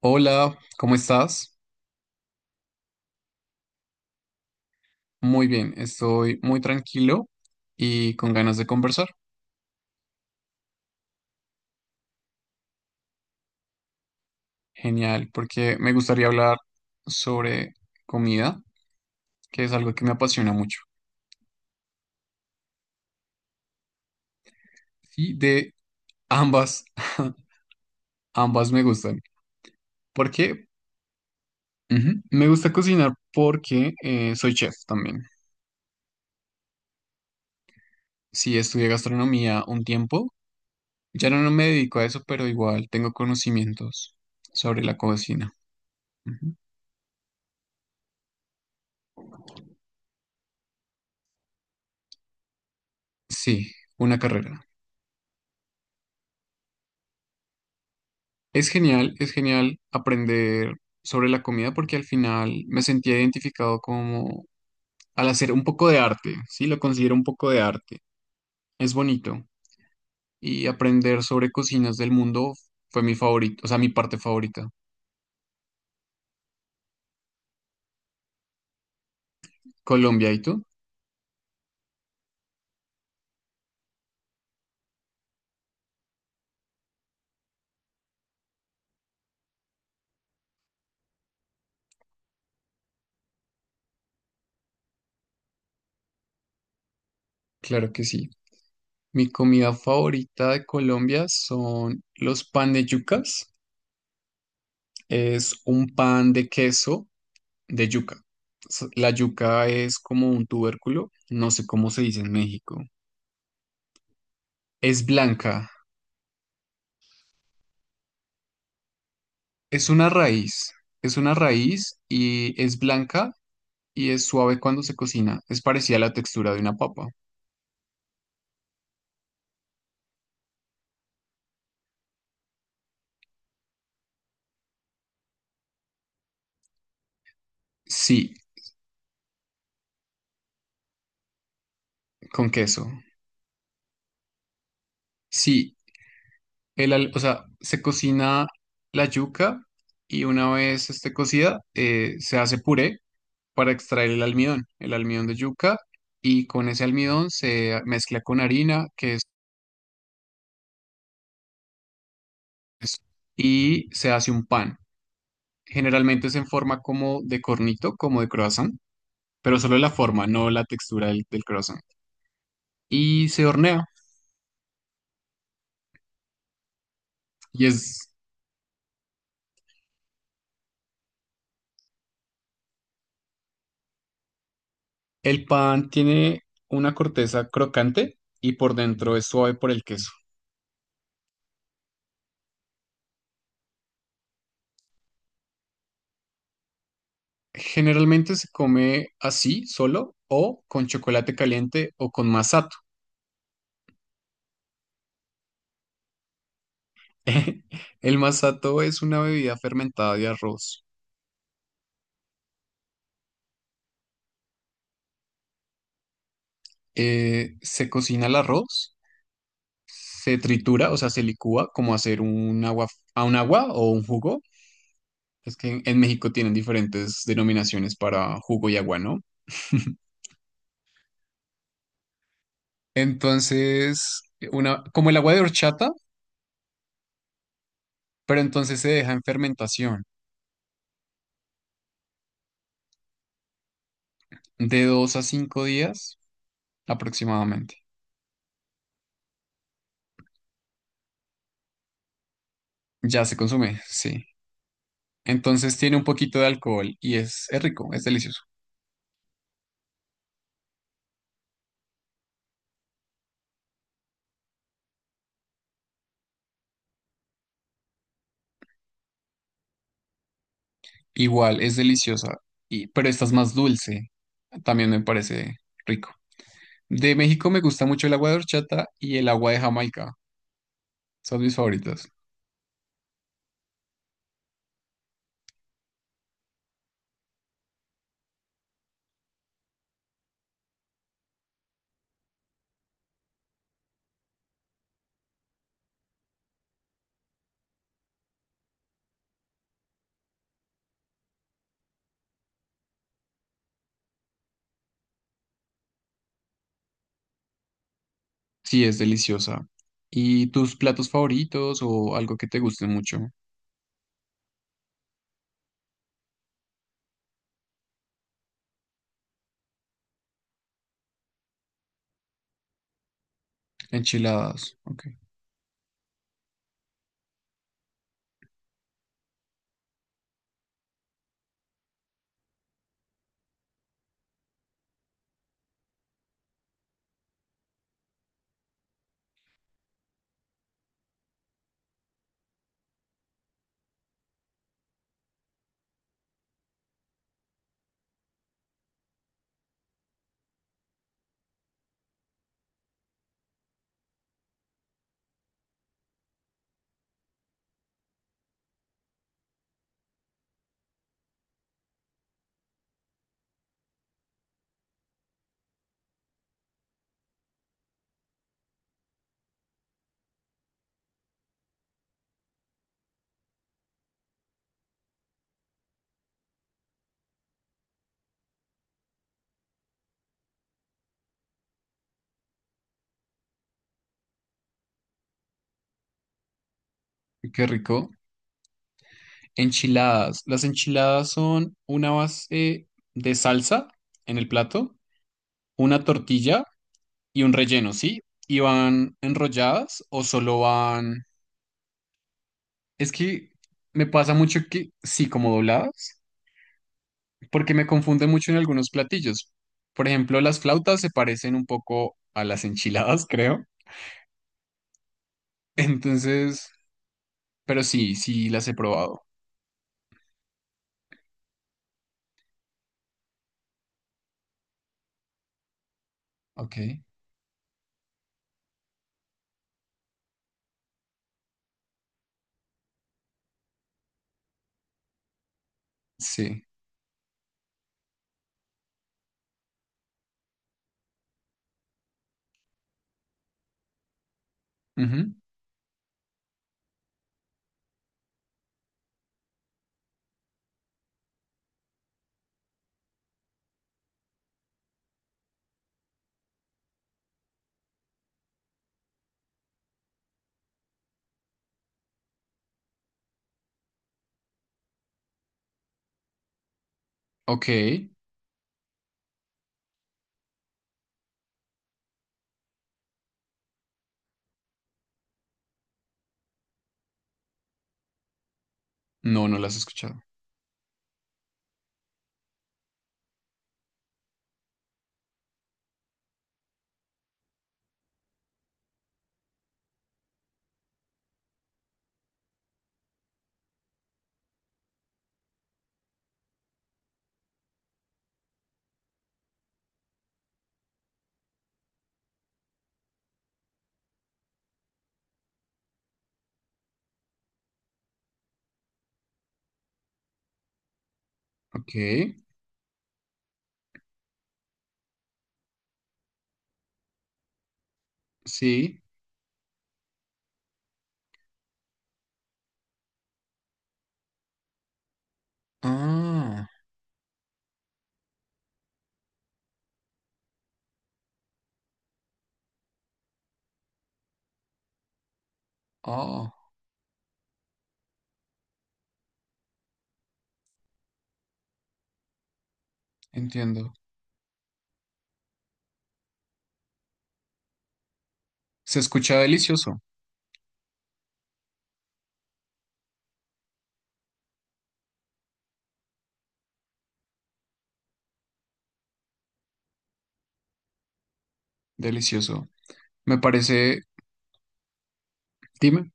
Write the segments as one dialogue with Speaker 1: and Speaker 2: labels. Speaker 1: Hola, ¿cómo estás? Muy bien, estoy muy tranquilo y con ganas de conversar. Genial, porque me gustaría hablar sobre comida, que es algo que me apasiona mucho. Y de ambas, ambas me gustan. ¿Por qué? Ujú, me gusta cocinar porque soy chef también. Sí, estudié gastronomía un tiempo. Ya no me dedico a eso, pero igual tengo conocimientos sobre la cocina. Ujú. Sí, una carrera. Es genial aprender sobre la comida porque al final me sentía identificado como al hacer un poco de arte, sí, lo considero un poco de arte. Es bonito y aprender sobre cocinas del mundo fue mi favorito, o sea, mi parte favorita. Colombia, ¿y tú? Claro que sí. Mi comida favorita de Colombia son los pan de yucas. Es un pan de queso de yuca. La yuca es como un tubérculo, no sé cómo se dice en México. Es blanca, es una raíz, es una raíz y es blanca y es suave cuando se cocina. Es parecida a la textura de una papa. Sí, con queso. Sí, o sea, se cocina la yuca y una vez esté cocida, se hace puré para extraer el almidón de yuca y con ese almidón se mezcla con harina, que es queso, y se hace un pan. Generalmente se en forma como de cornito, como de croissant, pero solo la forma, no la textura del croissant. Y se hornea. Y es, el pan tiene una corteza crocante y por dentro es suave por el queso. Generalmente se come así, solo, o con chocolate caliente o con masato. El masato es una bebida fermentada de arroz. Se cocina el arroz, se tritura, o sea, se licúa como hacer un agua, a un agua o un jugo. Es que en México tienen diferentes denominaciones para jugo y agua, ¿no? Entonces, una, como el agua de horchata, pero entonces se deja en fermentación de 2 a 5 días aproximadamente. Ya se consume, sí. Entonces tiene un poquito de alcohol y es rico, es delicioso. Igual, es deliciosa, y, pero esta es más dulce. También me parece rico. De México me gusta mucho el agua de horchata y el agua de Jamaica. Son mis favoritas. Sí, es deliciosa. ¿Y tus platos favoritos o algo que te guste mucho? Enchiladas. Ok. Qué rico. Enchiladas. Las enchiladas son una base de salsa en el plato, una tortilla y un relleno, ¿sí? ¿Y van enrolladas o solo van... Es que me pasa mucho que sí, como dobladas, porque me confunden mucho en algunos platillos. Por ejemplo, las flautas se parecen un poco a las enchiladas, creo. Entonces... Pero sí, sí las he probado. Ok. Sí. Ujú. Ok. No, no las he escuchado. Ok. Sí. Ah. Oh, entiendo. Se escucha delicioso. Delicioso. Me parece. Dime.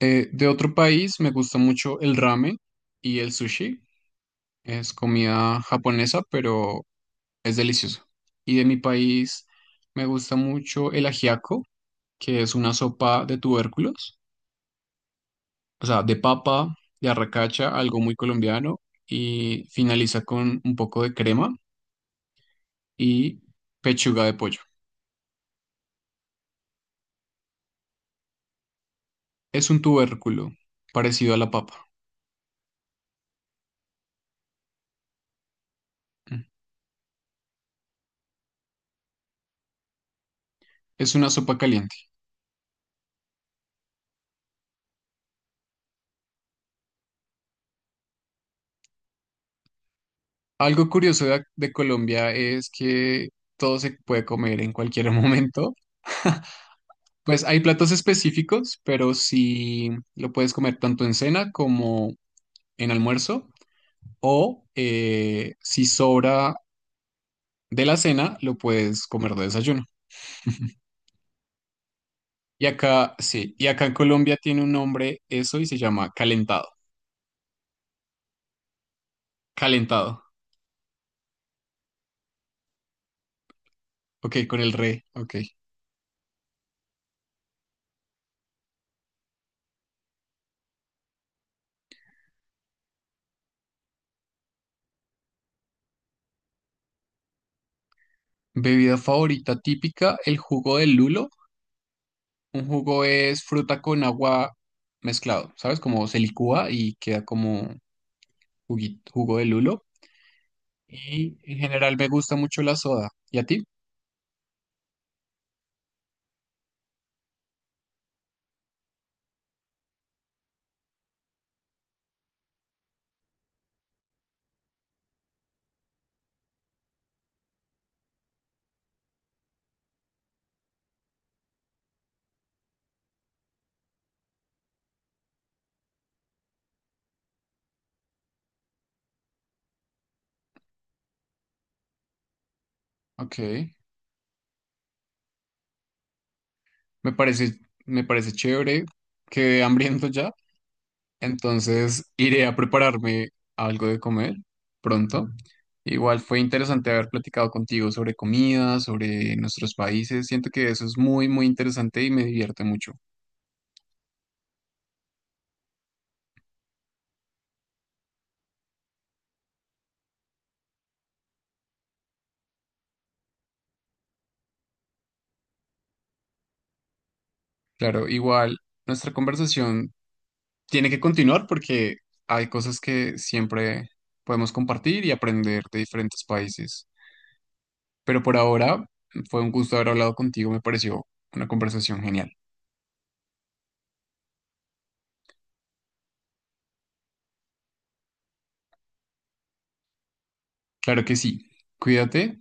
Speaker 1: De otro país me gusta mucho el ramen y el sushi. Es comida japonesa, pero es delicioso. Y de mi país me gusta mucho el ajiaco, que es una sopa de tubérculos, o sea, de papa, de arracacha, algo muy colombiano, y finaliza con un poco de crema y pechuga de pollo. Es un tubérculo parecido a la papa. Mm. Es una sopa caliente. Algo curioso de, de Colombia es que todo se puede comer en cualquier momento. Pues hay platos específicos, pero sí lo puedes comer tanto en cena como en almuerzo, o si sobra de la cena, lo puedes comer de desayuno. Y acá, sí, y acá en Colombia tiene un nombre eso y se llama calentado. Calentado. Ok, con el re, ok. Bebida favorita típica, el jugo de lulo. Un jugo es fruta con agua mezclado, ¿sabes? Como se licúa y queda como jugo de lulo. Y en general me gusta mucho la soda. ¿Y a ti? Ok. Me parece, me parece chévere. Quedé hambriento ya. Entonces iré a prepararme algo de comer pronto. Igual fue interesante haber platicado contigo sobre comida, sobre nuestros países. Siento que eso es muy, muy interesante y me divierte mucho. Claro, igual nuestra conversación tiene que continuar porque hay cosas que siempre podemos compartir y aprender de diferentes países. Pero por ahora fue un gusto haber hablado contigo, me pareció una conversación genial. Claro que sí. Cuídate